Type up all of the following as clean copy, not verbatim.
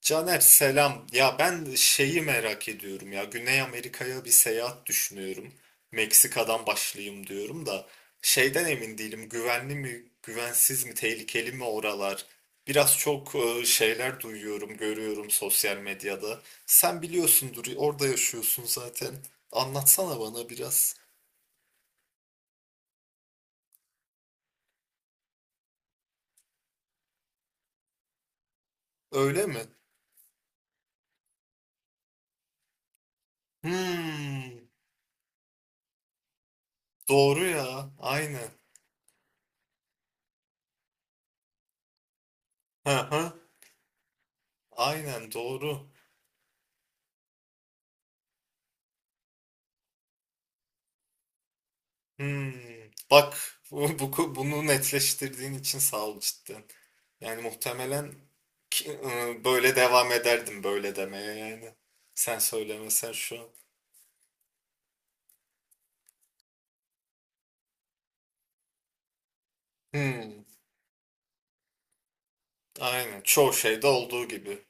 Caner selam. Ya ben şeyi merak ediyorum ya. Güney Amerika'ya bir seyahat düşünüyorum. Meksika'dan başlayayım diyorum da şeyden emin değilim. Güvenli mi, güvensiz mi, tehlikeli mi oralar? Biraz çok şeyler duyuyorum, görüyorum sosyal medyada. Sen biliyorsundur, orada yaşıyorsun zaten. Anlatsana bana biraz. Öyle mi? Hmm, doğru ya. Aynen. Hı hı. Aynen doğru. Hmm, bak bunu netleştirdiğin için sağ ol cidden. Yani muhtemelen böyle devam ederdim böyle demeye yani. Sen söylemesen şu an. Hmm, aynen. Çoğu şeyde olduğu gibi.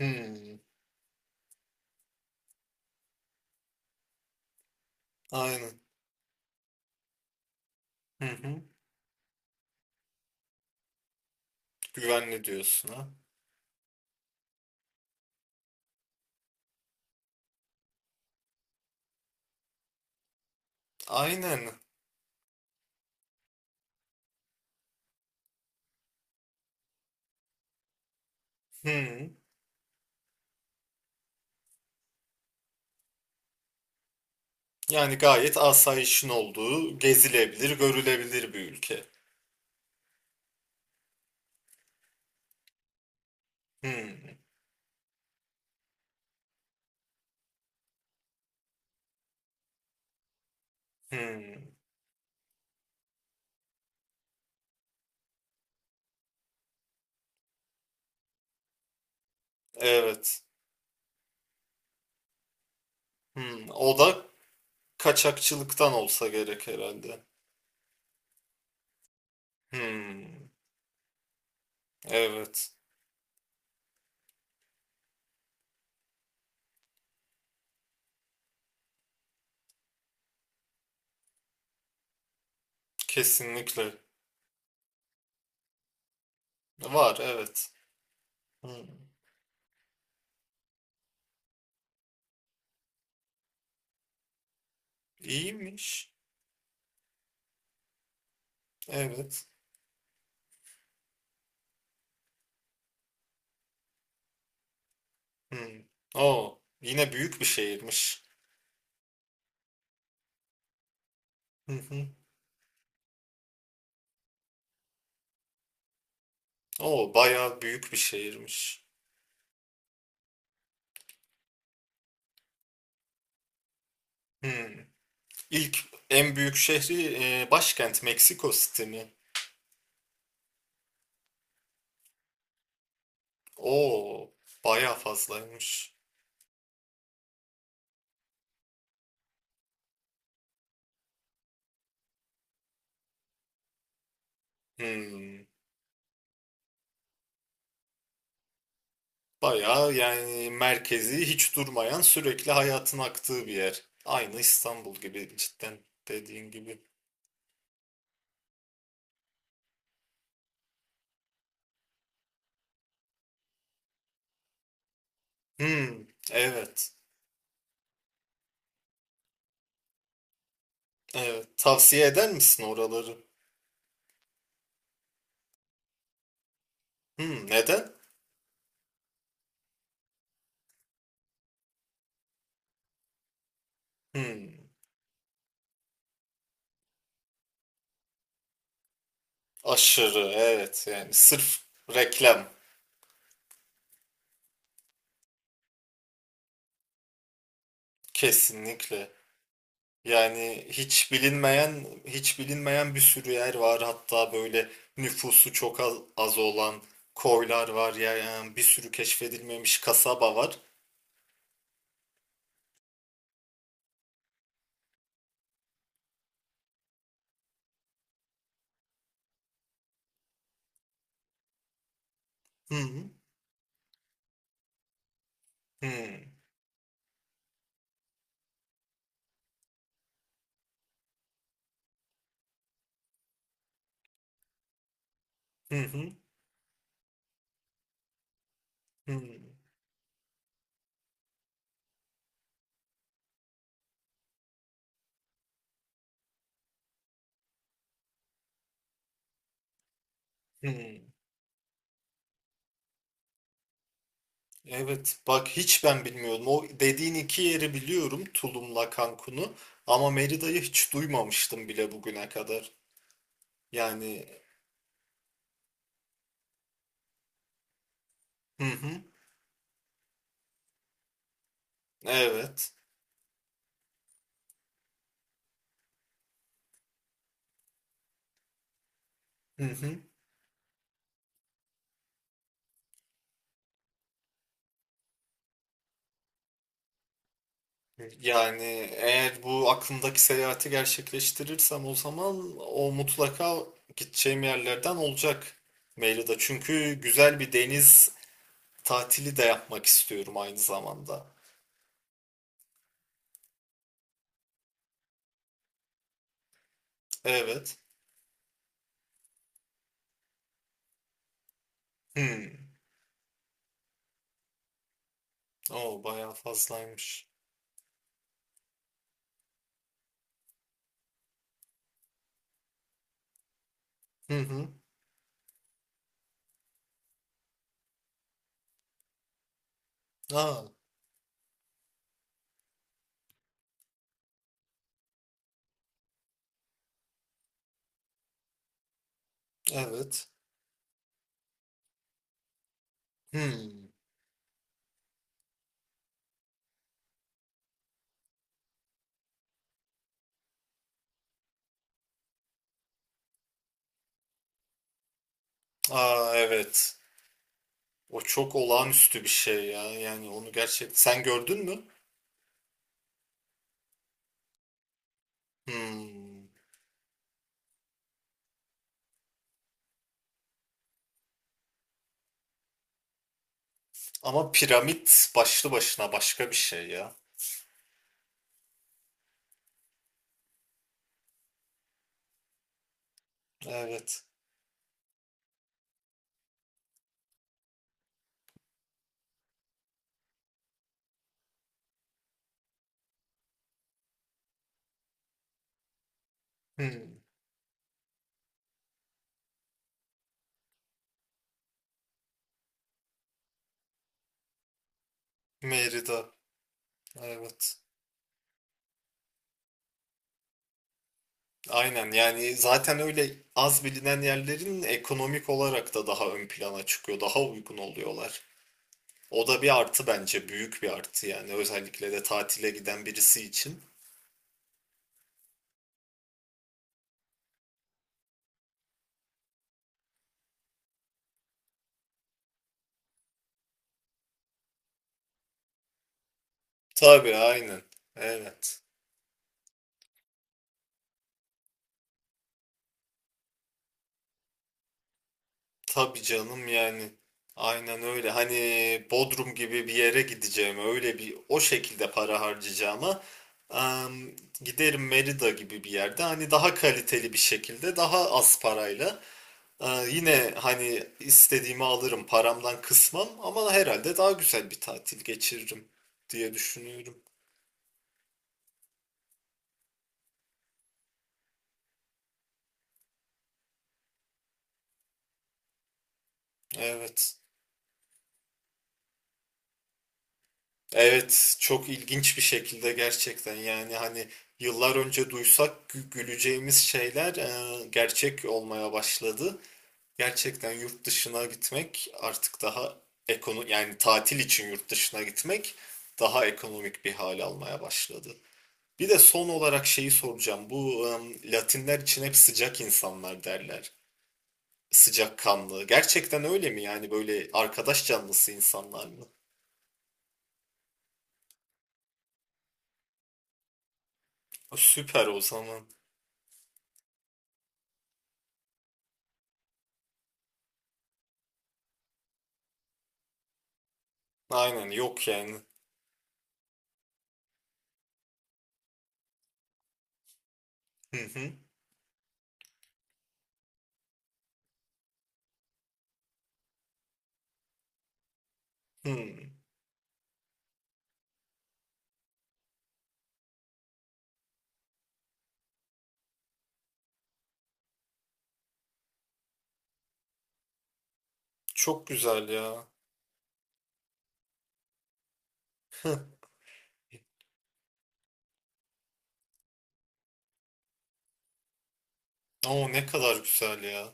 Hmm, aynen. Hı hı. Güvenli diyorsun ha. Aynen. Hmm. Yani gayet asayişin olduğu, gezilebilir, görülebilir bir ülke. Hmm, hmm. Evet. Hmm. O da kaçakçılıktan olsa gerek herhalde. Hmm, evet. Kesinlikle. Var, evet. Hmm. İyiymiş. Evet. Hmm. Oo, yine büyük bir şehirmiş. Hı hı. Oo, bayağı büyük bir şehirmiş. Hmm. İlk en büyük şehri başkent Meksiko City mi? Oo, bayağı fazlaymış. Hmm. Bayağı yani merkezi hiç durmayan sürekli hayatın aktığı bir yer. Aynı İstanbul gibi cidden dediğin gibi. Hmm, evet. Evet, tavsiye eder misin oraları? Hmm, neden? Hmm, aşırı, evet. Yani sırf reklam, kesinlikle. Yani hiç bilinmeyen, hiç bilinmeyen bir sürü yer var. Hatta böyle nüfusu çok az olan koylar var. Yani bir sürü keşfedilmemiş kasaba var. Hmm, hmm, hmm, hmm, hmm. Evet bak hiç ben bilmiyordum. O dediğin iki yeri biliyorum Tulum'la Cancun'u ama Merida'yı hiç duymamıştım bile bugüne kadar. Yani hı hı evet hı hı. Yani eğer bu aklımdaki seyahati gerçekleştirirsem o zaman o mutlaka gideceğim yerlerden olacak Merida. Çünkü güzel bir deniz tatili de yapmak istiyorum aynı zamanda. Evet. Hmm. O bayağı fazlaymış. Hı hı. Aa, evet. Hmm. Aa evet. O çok olağanüstü bir şey ya. Yani onu gerçekten sen gördün mü? Hmm. Ama piramit başlı başına başka bir şey ya. Evet. Hmm. Merida. Evet. Aynen yani zaten öyle az bilinen yerlerin ekonomik olarak da daha ön plana çıkıyor. Daha uygun oluyorlar. O da bir artı bence. Büyük bir artı yani. Özellikle de tatile giden birisi için. Tabii aynen. Evet. Tabii canım yani. Aynen öyle. Hani Bodrum gibi bir yere gideceğime, öyle bir o şekilde para harcayacağıma em, giderim Merida gibi bir yerde. Hani daha kaliteli bir şekilde, daha az parayla. e, Yine hani istediğimi alırım, paramdan kısmam ama herhalde daha güzel bir tatil geçiririm diye düşünüyorum. Evet. Evet, çok ilginç bir şekilde gerçekten yani hani yıllar önce duysak güleceğimiz şeyler gerçek olmaya başladı. Gerçekten yurt dışına gitmek artık daha ekonomik yani tatil için yurt dışına gitmek daha ekonomik bir hal almaya başladı. Bir de son olarak şeyi soracağım. Bu Latinler için hep sıcak insanlar derler. Sıcakkanlı. Gerçekten öyle mi yani böyle arkadaş canlısı insanlar mı? Süper o zaman. Aynen yok yani. Hı hı. Hımm. Çok güzel ya. O, ne kadar güzel ya.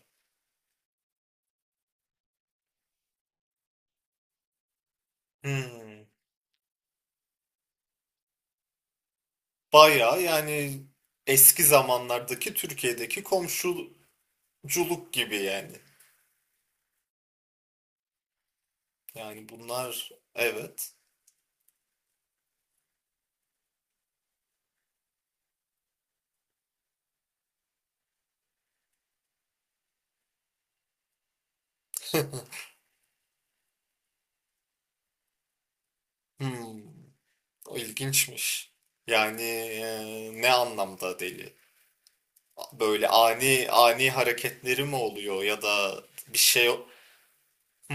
Hımm. Bayağı yani eski zamanlardaki Türkiye'deki komşuculuk gibi yani. Yani bunlar evet. Hımm. O ilginçmiş. Yani ne anlamda deli? Böyle ani ani hareketleri mi oluyor ya da bir şey. Hı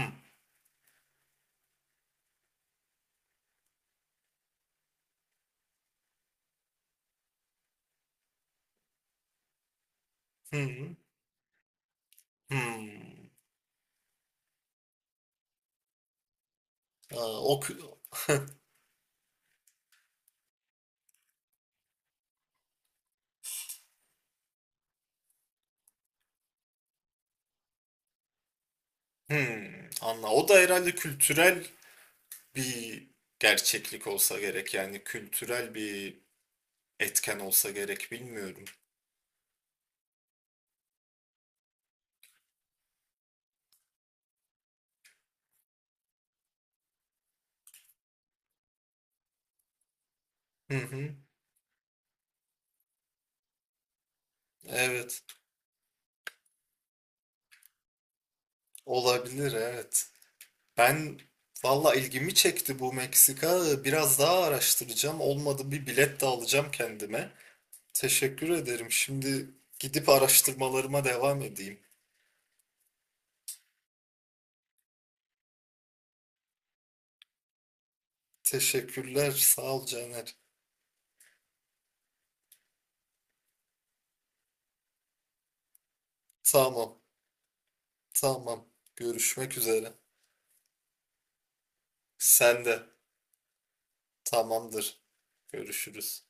hı. Hımm. Aa, o hımm. Anla. O da herhalde kültürel bir gerçeklik olsa gerek yani kültürel bir etken olsa gerek bilmiyorum. Hı hı. Evet. Olabilir evet. Ben valla ilgimi çekti bu Meksika. Biraz daha araştıracağım. Olmadı bir bilet de alacağım kendime. Teşekkür ederim. Şimdi gidip araştırmalarıma devam edeyim. Teşekkürler. Sağ ol Caner. Tamam. Tamam. Görüşmek üzere. Sen de. Tamamdır. Görüşürüz.